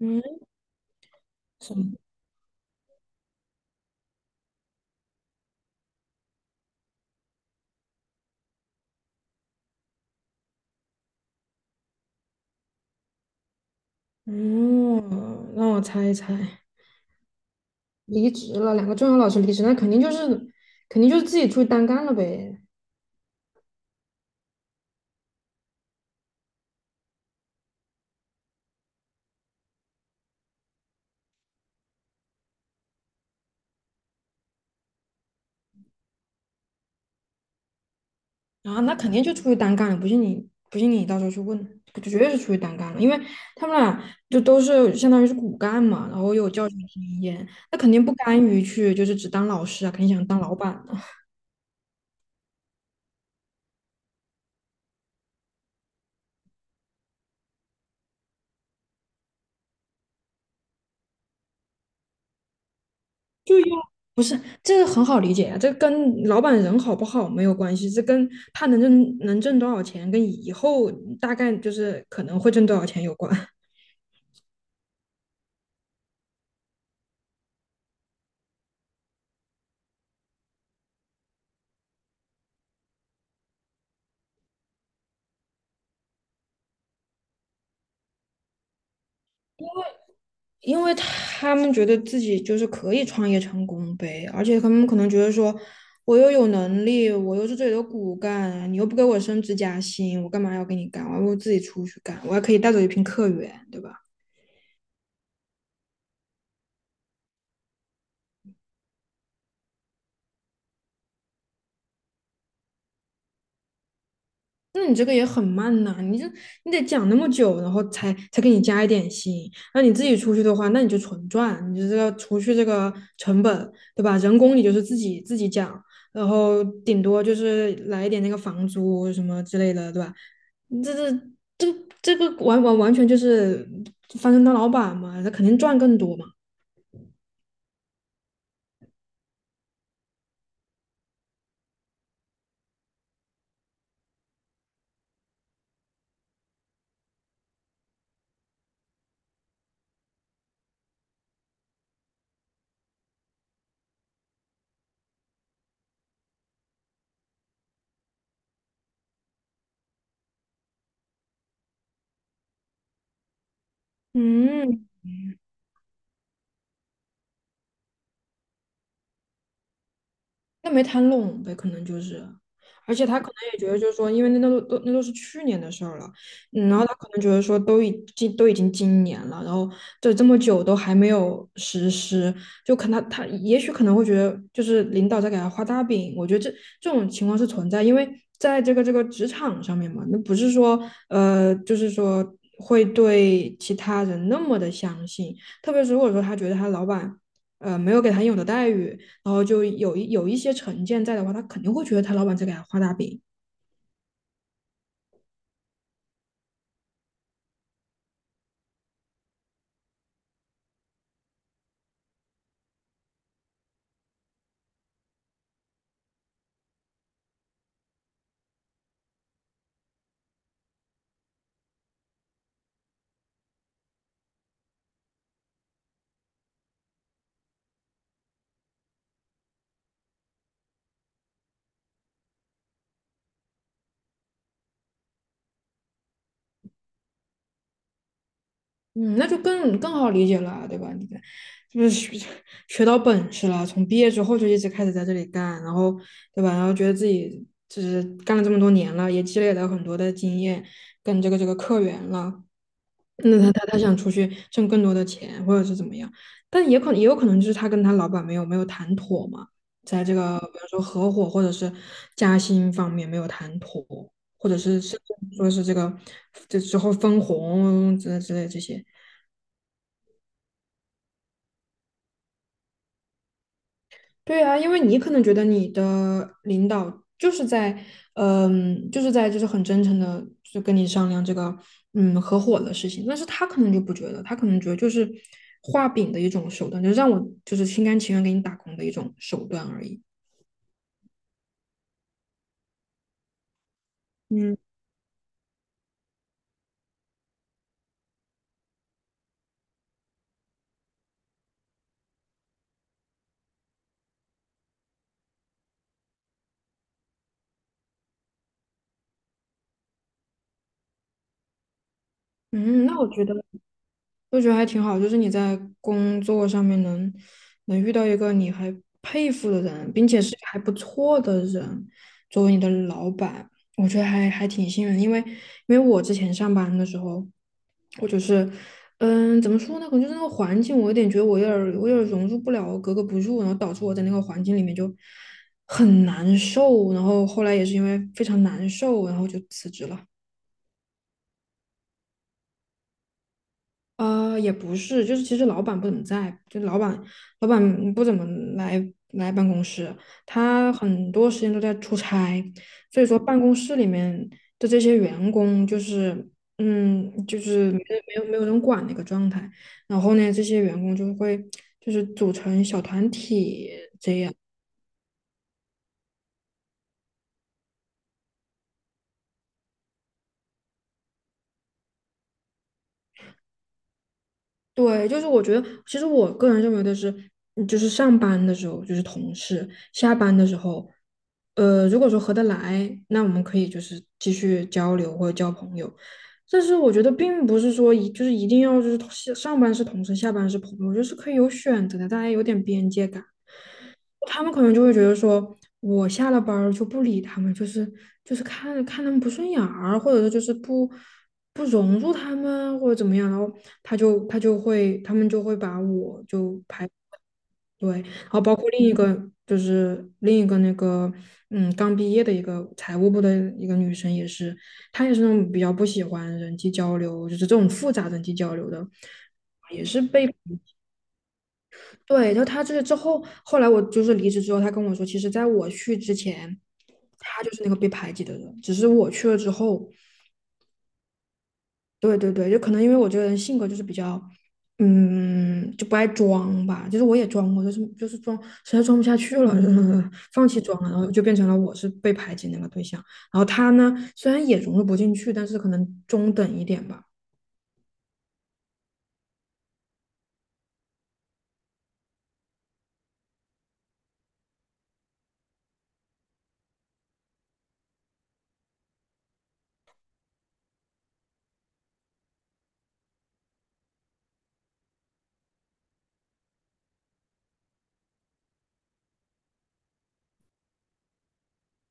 嗯，什么？哦，让我猜一猜，离职了，两个重要老师离职，那肯定就是自己出去单干了呗。啊，那肯定就出去单干了，不信你到时候去问，绝对是出去单干了，因为他们俩就都是相当于是骨干嘛，然后有教学经验，那肯定不甘于去就是只当老师啊，肯定想当老板。就要不是这个很好理解呀、这跟老板人好不好没有关系，这跟他能挣多少钱，跟以后大概就是可能会挣多少钱有关。因为他们觉得自己就是可以创业成功呗，而且他们可能觉得说，我又有能力，我又是这里的骨干，你又不给我升职加薪，我干嘛要给你干？我还不如自己出去干，我还可以带走一批客源，对吧？那你这个也很慢呐、你得讲那么久，然后才给你加一点薪。那你自己出去的话，那你就纯赚，你就是要除去这个成本，对吧？人工你就是自己讲，然后顶多就是来一点那个房租什么之类的，对吧？这这这个完完完全就是翻身当老板嘛，那肯定赚更多嘛。嗯，那没谈拢呗，可能就是，而且他可能也觉得，就是说，因为那都是去年的事儿了，嗯，然后他可能觉得说，都已经今年了，然后这这么久都还没有实施，就可能他也许可能会觉得，就是领导在给他画大饼，我觉得这种情况是存在，因为在这个职场上面嘛，那不是说就是说会对其他人那么的相信，特别是如果说他觉得他老板没有给他应有的待遇。然后就有一些成见在的话，他肯定会觉得他老板在给他画大饼。嗯，那就更好理解了啊，对吧？你看，就是学到本事了，从毕业之后就一直开始在这里干，然后对吧？然后觉得自己就是干了这么多年了，也积累了很多的经验跟这个客源了，那他想出去挣更多的钱，或者是怎么样，但也可能也有可能就是他跟他老板没有谈妥嘛，在这个比如说合伙或者是加薪方面没有谈妥，或者是甚至说是这之后分红之类这些，对啊，因为你可能觉得你的领导就是在，嗯，就是在就是很真诚的就跟你商量这个，嗯，合伙的事情，但是他可能就不觉得，他可能觉得就是画饼的一种手段，就让我就是心甘情愿给你打工的一种手段而已。嗯，嗯，那我觉得。我觉得还挺好，就是你在工作上面能遇到一个你还佩服的人，并且是还不错的人，作为你的老板，我觉得还挺幸运的因为我之前上班的时候，我就是嗯，怎么说呢？可能就是那个环境，我有点儿我有点儿融入不了，格格不入，然后导致我在那个环境里面就很难受。然后后来也是因为非常难受，然后就辞职了。也不是，就是其实老板不怎么在，就老板老板不怎么来来办公室，他很多时间都在出差，所以说办公室里面的这些员工就是，嗯，就是没有人管的一个状态。然后呢，这些员工就会就是组成小团体，对，就是我觉得，其实我个人认为的是，嗯就是上班的时候就是同事，下班的时候，呃，如果说合得来，那我们可以就是继续交流或者交朋友。但是我觉得并不是说一定要就是同事上班是同事，下班是朋友，就是可以有选择的，大家有点边界感。他们可能就会觉得说，我下了班儿就不理他们，就是看看他们不顺眼儿或者说就是不融入他们，或者怎么样，然后他们就会把我就排对，然后包括另一个那个嗯刚毕业的一个财务部的一个女生也是，她也是那种比较不喜欢人际交流，就是这种复杂人际交流的，也是被对，就她这个之后，后来我就是离职之后，她跟我说，其实在我去之前，她就是那个被排挤的人，只是我去了之后，对对对，就可能因为我这个人性格就是比较，嗯，就不爱装吧。就是我也装过，就是装，实在装不下去了，就是 放弃装了，然后就变成了我是被排挤那个对象。然后他呢，虽然也融入不进去，但是可能中等一点吧。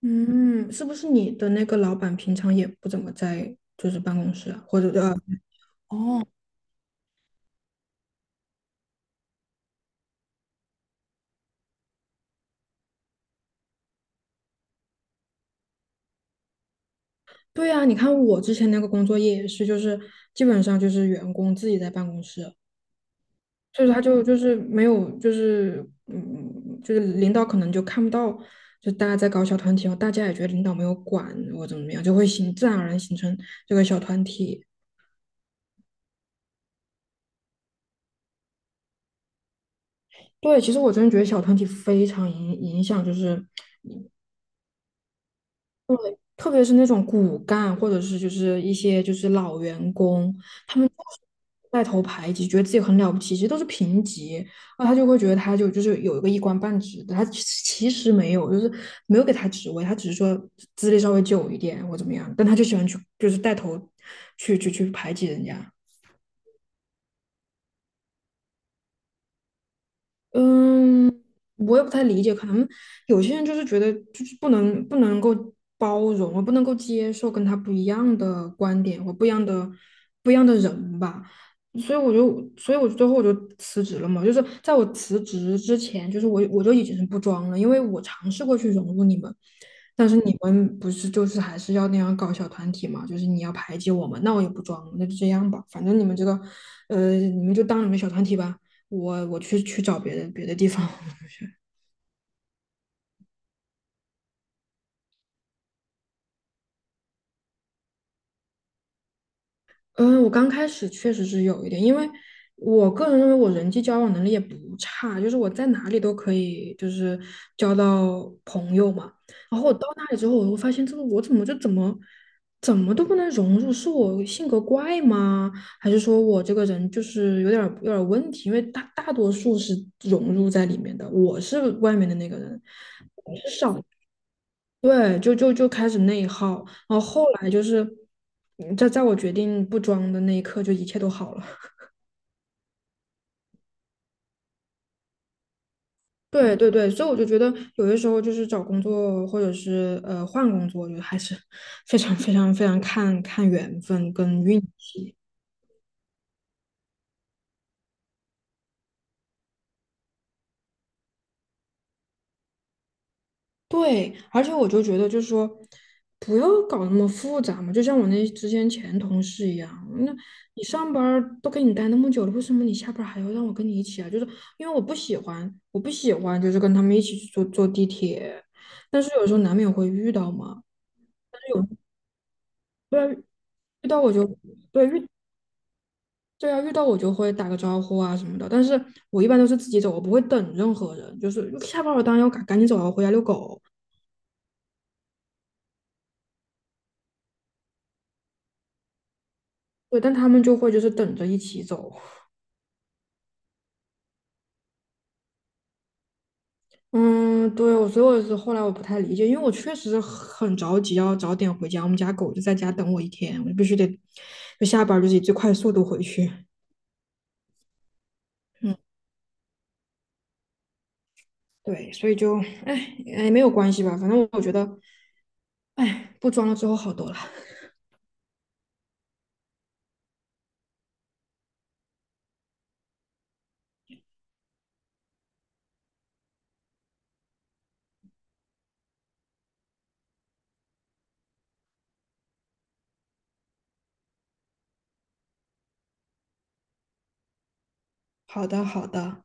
嗯，是不是你的那个老板平常也不怎么在就是办公室啊，或者呃哦，对啊，你看我之前那个工作也是，就是基本上就是员工自己在办公室，就是就是没有，就是嗯，就是领导可能就看不到，就大家在搞小团体，然后大家也觉得领导没有管我怎么样，就会形自然而然形成这个小团体。对，其实我真的觉得小团体非常影响，就是特别是那种骨干或者是就是一些就是老员工，他们就是带头排挤，觉得自己很了不起，其实都是平级，那他就会觉得就是有一个一官半职的，他其实没有，就是没有给他职位，他只是说资历稍微久一点或怎么样，但他就喜欢去就是带头去排挤人家。嗯，我也不太理解，可能有些人就是觉得就是不能够包容，我不能够接受跟他不一样的观点或不一样的人吧，所以我最后我就辞职了嘛，就是在我辞职之前，我就已经是不装了，因为我尝试过去融入你们，但是你们不是就是还是要那样搞小团体嘛，就是你要排挤我们，那我也不装了，那就这样吧，反正你们这个你们就当你们小团体吧。我去找别的地方去。嗯，我刚开始确实是有一点，因为我个人认为我人际交往能力也不差，就是我在哪里都可以，就是交到朋友嘛。然后我到那里之后，我会发现这个我怎么就怎么怎么都不能融入，是我性格怪吗？还是说我这个人就是有点问题？因为大多数是融入在里面的，我是外面的那个人，对，就开始内耗，然后后来就是，嗯在我决定不装的那一刻，就一切都好了。对对对，所以我就觉得有的时候就是找工作或者是呃换工作，我觉得还是 非常非常非常看缘分跟运气。对，而且我就觉得，就是说，不要搞那么复杂嘛，就像我那之前同事一样，那你上班儿都跟你待那么久了，为什么你下班儿还要让我跟你一起啊？就是因为我不喜欢，我不喜欢就是跟他们一起去坐地铁，但是有时候难免会遇到嘛，有对啊，遇到我就对遇对啊，遇到我就会打个招呼啊什么的，但是我一般都是自己走，我不会等任何人，就是下班儿我当然要赶紧走啊，回家遛狗，对，但他们就会就是等着一起走。嗯，对，我所以我是后来我不太理解，因为我确实很着急要早点回家，我们家狗就在家等我一天，我就必须得就下班儿就是以最快速度回去。嗯，对，所以就哎没有关系吧，反正我觉得哎不装了之后好多了。好的，好的。